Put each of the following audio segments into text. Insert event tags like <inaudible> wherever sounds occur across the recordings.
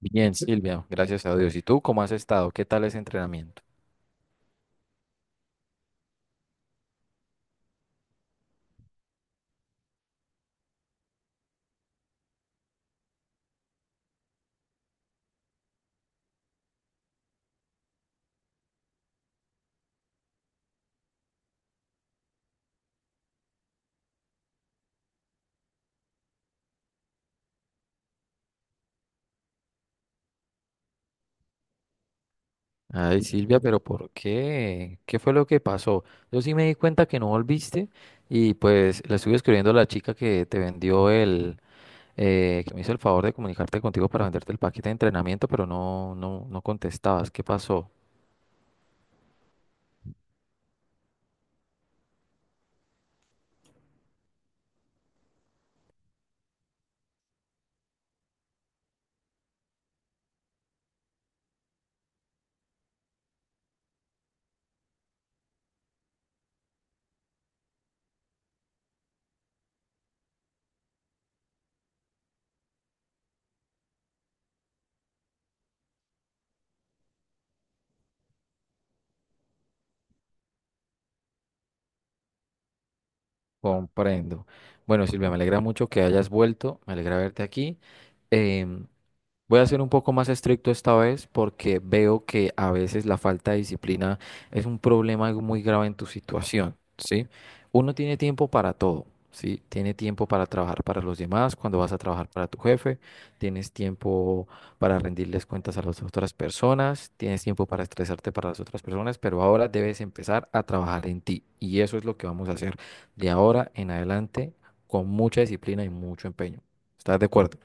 Bien, Silvia, gracias a Dios. ¿Y tú cómo has estado? ¿Qué tal ese entrenamiento? Ay, Silvia, pero ¿por qué? ¿Qué fue lo que pasó? Yo sí me di cuenta que no volviste y pues le estuve escribiendo a la chica que te vendió el que me hizo el favor de comunicarte contigo para venderte el paquete de entrenamiento, pero no, no, no contestabas. ¿Qué pasó? Comprendo. Bueno, Silvia, me alegra mucho que hayas vuelto, me alegra verte aquí. Em, Voy a ser un poco más estricto esta vez porque veo que a veces la falta de disciplina es un problema muy grave en tu situación, ¿sí? Uno tiene tiempo para todo, ¿sí? Tiene tiempo para trabajar para los demás, cuando vas a trabajar para tu jefe, tienes tiempo para rendirles cuentas a las otras personas, tienes tiempo para estresarte para las otras personas, pero ahora debes empezar a trabajar en ti y eso es lo que vamos a hacer de ahora en adelante con mucha disciplina y mucho empeño. ¿Estás de acuerdo?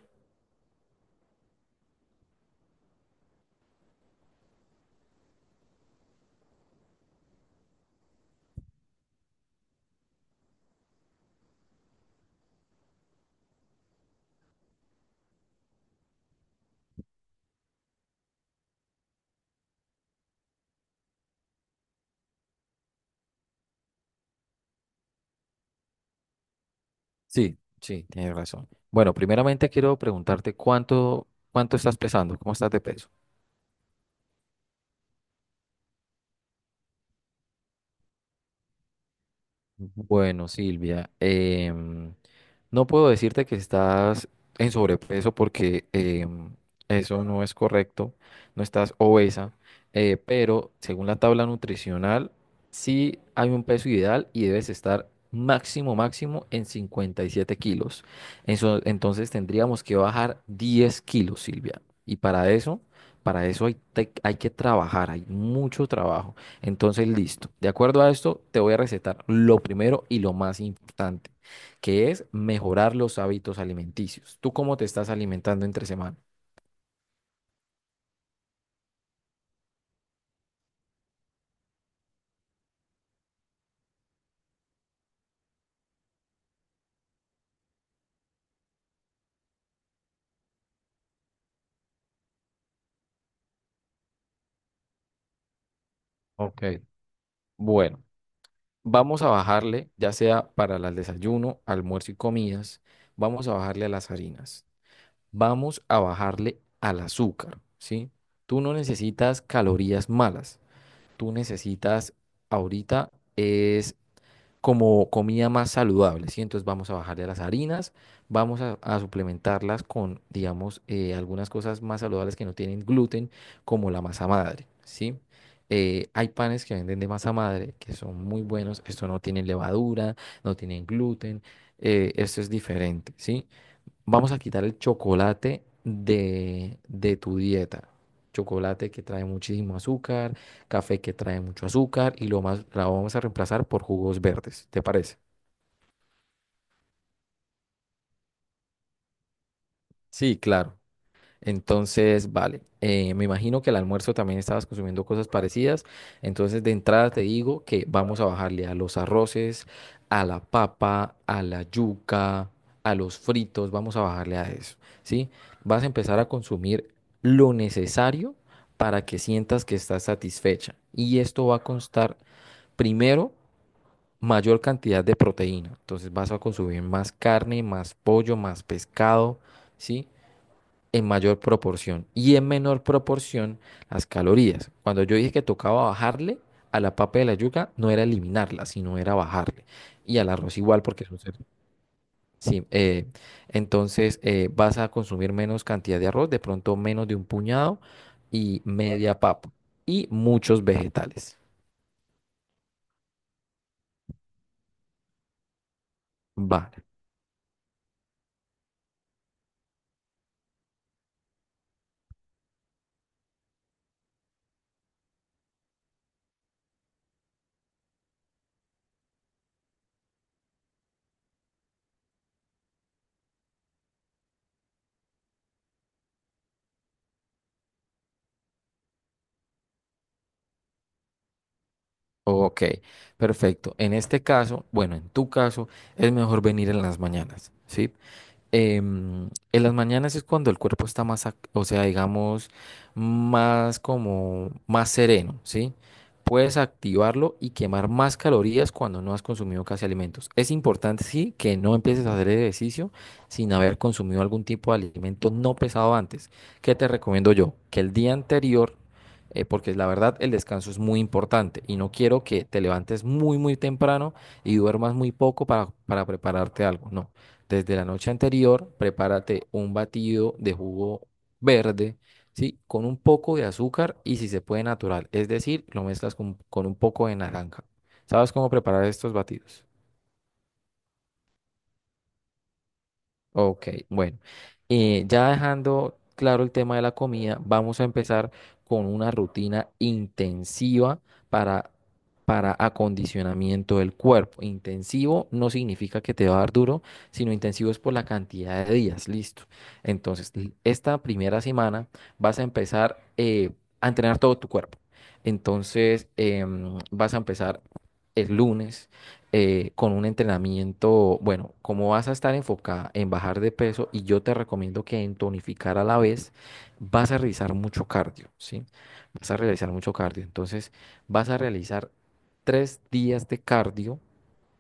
Sí, sí, tienes razón. Bueno, primeramente quiero preguntarte cuánto, cuánto estás pesando, cómo estás de peso. Bueno, Silvia, no puedo decirte que estás en sobrepeso porque eso no es correcto, no estás obesa, pero según la tabla nutricional, sí hay un peso ideal y debes estar máximo, máximo en 57 kilos. Entonces tendríamos que bajar 10 kilos, Silvia. Y para eso, hay que trabajar, hay mucho trabajo. Entonces, listo. De acuerdo a esto, te voy a recetar lo primero y lo más importante, que es mejorar los hábitos alimenticios. ¿Tú cómo te estás alimentando entre semana? Ok, bueno, vamos a bajarle, ya sea para el desayuno, almuerzo y comidas, vamos a bajarle a las harinas, vamos a bajarle al azúcar, ¿sí? Tú no necesitas calorías malas, tú necesitas ahorita es como comida más saludable, ¿sí? Entonces vamos a bajarle a las harinas, vamos a suplementarlas con, digamos, algunas cosas más saludables que no tienen gluten, como la masa madre, ¿sí? Hay panes que venden de masa madre que son muy buenos, esto no tiene levadura, no tienen gluten, esto es diferente, ¿sí? Vamos a quitar el chocolate de tu dieta. Chocolate que trae muchísimo azúcar, café que trae mucho azúcar y lo más, la vamos a reemplazar por jugos verdes. ¿Te parece? Sí, claro. Entonces, vale, me imagino que el almuerzo también estabas consumiendo cosas parecidas. Entonces, de entrada te digo que vamos a bajarle a los arroces, a la papa, a la yuca, a los fritos, vamos a bajarle a eso, ¿sí? Vas a empezar a consumir lo necesario para que sientas que estás satisfecha. Y esto va a constar primero mayor cantidad de proteína. Entonces, vas a consumir más carne, más pollo, más pescado, ¿sí?, en mayor proporción y en menor proporción las calorías. Cuando yo dije que tocaba bajarle a la papa de la yuca, no era eliminarla, sino era bajarle. Y al arroz igual, porque es un sí, entonces vas a consumir menos cantidad de arroz, de pronto menos de un puñado y media papa y muchos vegetales. Vale, ok, perfecto. En este caso, bueno, en tu caso, es mejor venir en las mañanas, ¿sí? Em, en las mañanas es cuando el cuerpo está más, o sea, digamos, más como, más sereno, ¿sí? Puedes activarlo y quemar más calorías cuando no has consumido casi alimentos. Es importante, sí, que no empieces a hacer ejercicio sin haber consumido algún tipo de alimento no pesado antes. ¿Qué te recomiendo yo? Que el día anterior, porque la verdad el descanso es muy importante y no quiero que te levantes muy, muy temprano y duermas muy poco para prepararte algo, no. Desde la noche anterior, prepárate un batido de jugo verde, ¿sí? Con un poco de azúcar y si se puede natural, es decir, lo mezclas con un poco de naranja. ¿Sabes cómo preparar estos batidos? Ok, bueno, ya dejando claro el tema de la comida, vamos a empezar con una rutina intensiva para, para acondicionamiento del cuerpo. Intensivo no significa que te va a dar duro, sino intensivo es por la cantidad de días, listo. Entonces, esta primera semana vas a empezar a entrenar todo tu cuerpo. Entonces, vas a empezar el lunes con un entrenamiento, bueno, como vas a estar enfocada en bajar de peso y yo te recomiendo que en tonificar a la vez, vas a realizar mucho cardio, ¿sí? Vas a realizar mucho cardio. Entonces, vas a realizar tres días de cardio,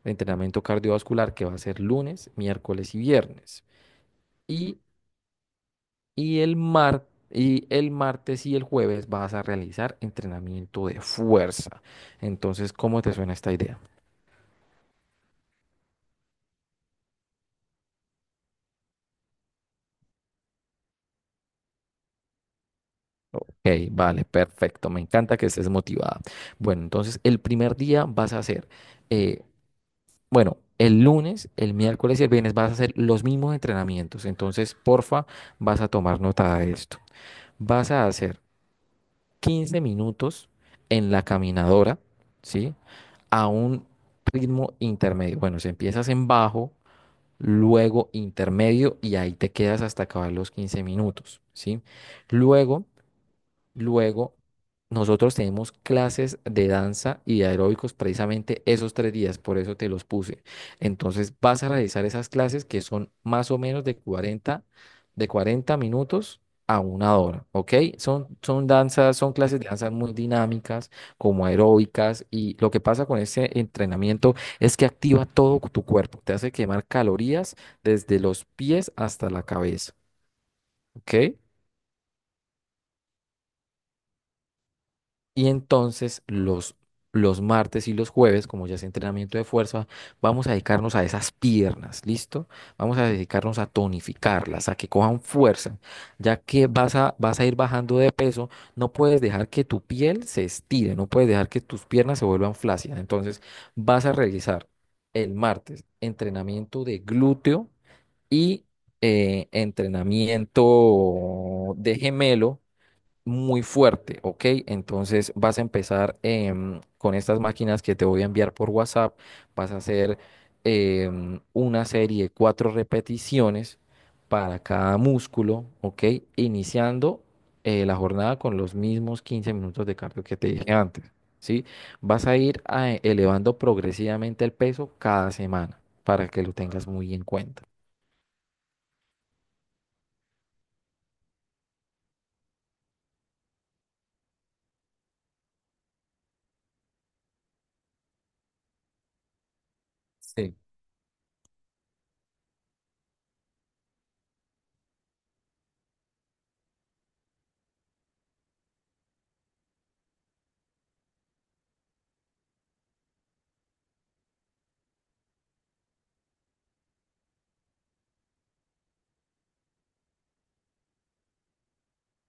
de entrenamiento cardiovascular, que va a ser lunes, miércoles y viernes. Y, y el mar- Y el martes y el jueves vas a realizar entrenamiento de fuerza. Entonces, ¿cómo te suena esta idea? Ok, vale, perfecto. Me encanta que estés motivada. Bueno, entonces el primer día vas a hacer, eh, bueno, el lunes, el miércoles y el viernes vas a hacer los mismos entrenamientos. Entonces, porfa, vas a tomar nota de esto. Vas a hacer 15 minutos en la caminadora, ¿sí? A un ritmo intermedio. Bueno, si empiezas en bajo, luego intermedio y ahí te quedas hasta acabar los 15 minutos, ¿sí? Luego... luego, nosotros tenemos clases de danza y de aeróbicos precisamente esos tres días, por eso te los puse. Entonces, vas a realizar esas clases que son más o menos de 40 minutos a 1 hora, ¿ok? Son danzas, son clases de danzas muy dinámicas, como aeróbicas, y lo que pasa con este entrenamiento es que activa todo tu cuerpo, te hace quemar calorías desde los pies hasta la cabeza, ¿ok? Y entonces los martes y los jueves, como ya es entrenamiento de fuerza, vamos a dedicarnos a esas piernas, ¿listo? Vamos a dedicarnos a tonificarlas, a que cojan fuerza, ya que vas a ir bajando de peso, no puedes dejar que tu piel se estire, no puedes dejar que tus piernas se vuelvan flácidas. Entonces vas a realizar el martes entrenamiento de glúteo y entrenamiento de gemelo muy fuerte, ¿ok? Entonces vas a empezar con estas máquinas que te voy a enviar por WhatsApp, vas a hacer una serie de 4 repeticiones para cada músculo, ¿ok? Iniciando la jornada con los mismos 15 minutos de cardio que te dije antes, ¿sí? Vas a ir elevando progresivamente el peso cada semana para que lo tengas muy en cuenta. Sí.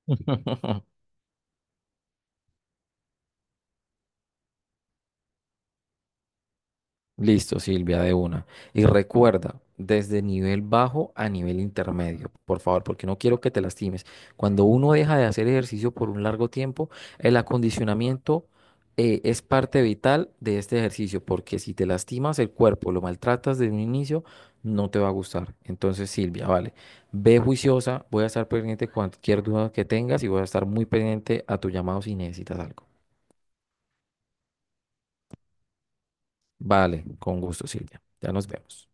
<laughs> Listo, Silvia, de una. Y recuerda, desde nivel bajo a nivel intermedio, por favor, porque no quiero que te lastimes. Cuando uno deja de hacer ejercicio por un largo tiempo, el acondicionamiento es parte vital de este ejercicio, porque si te lastimas el cuerpo, lo maltratas desde un inicio, no te va a gustar. Entonces, Silvia, vale, ve juiciosa, voy a estar pendiente de cualquier duda que tengas y voy a estar muy pendiente a tu llamado si necesitas algo. Vale, con gusto, Silvia. Ya nos vemos.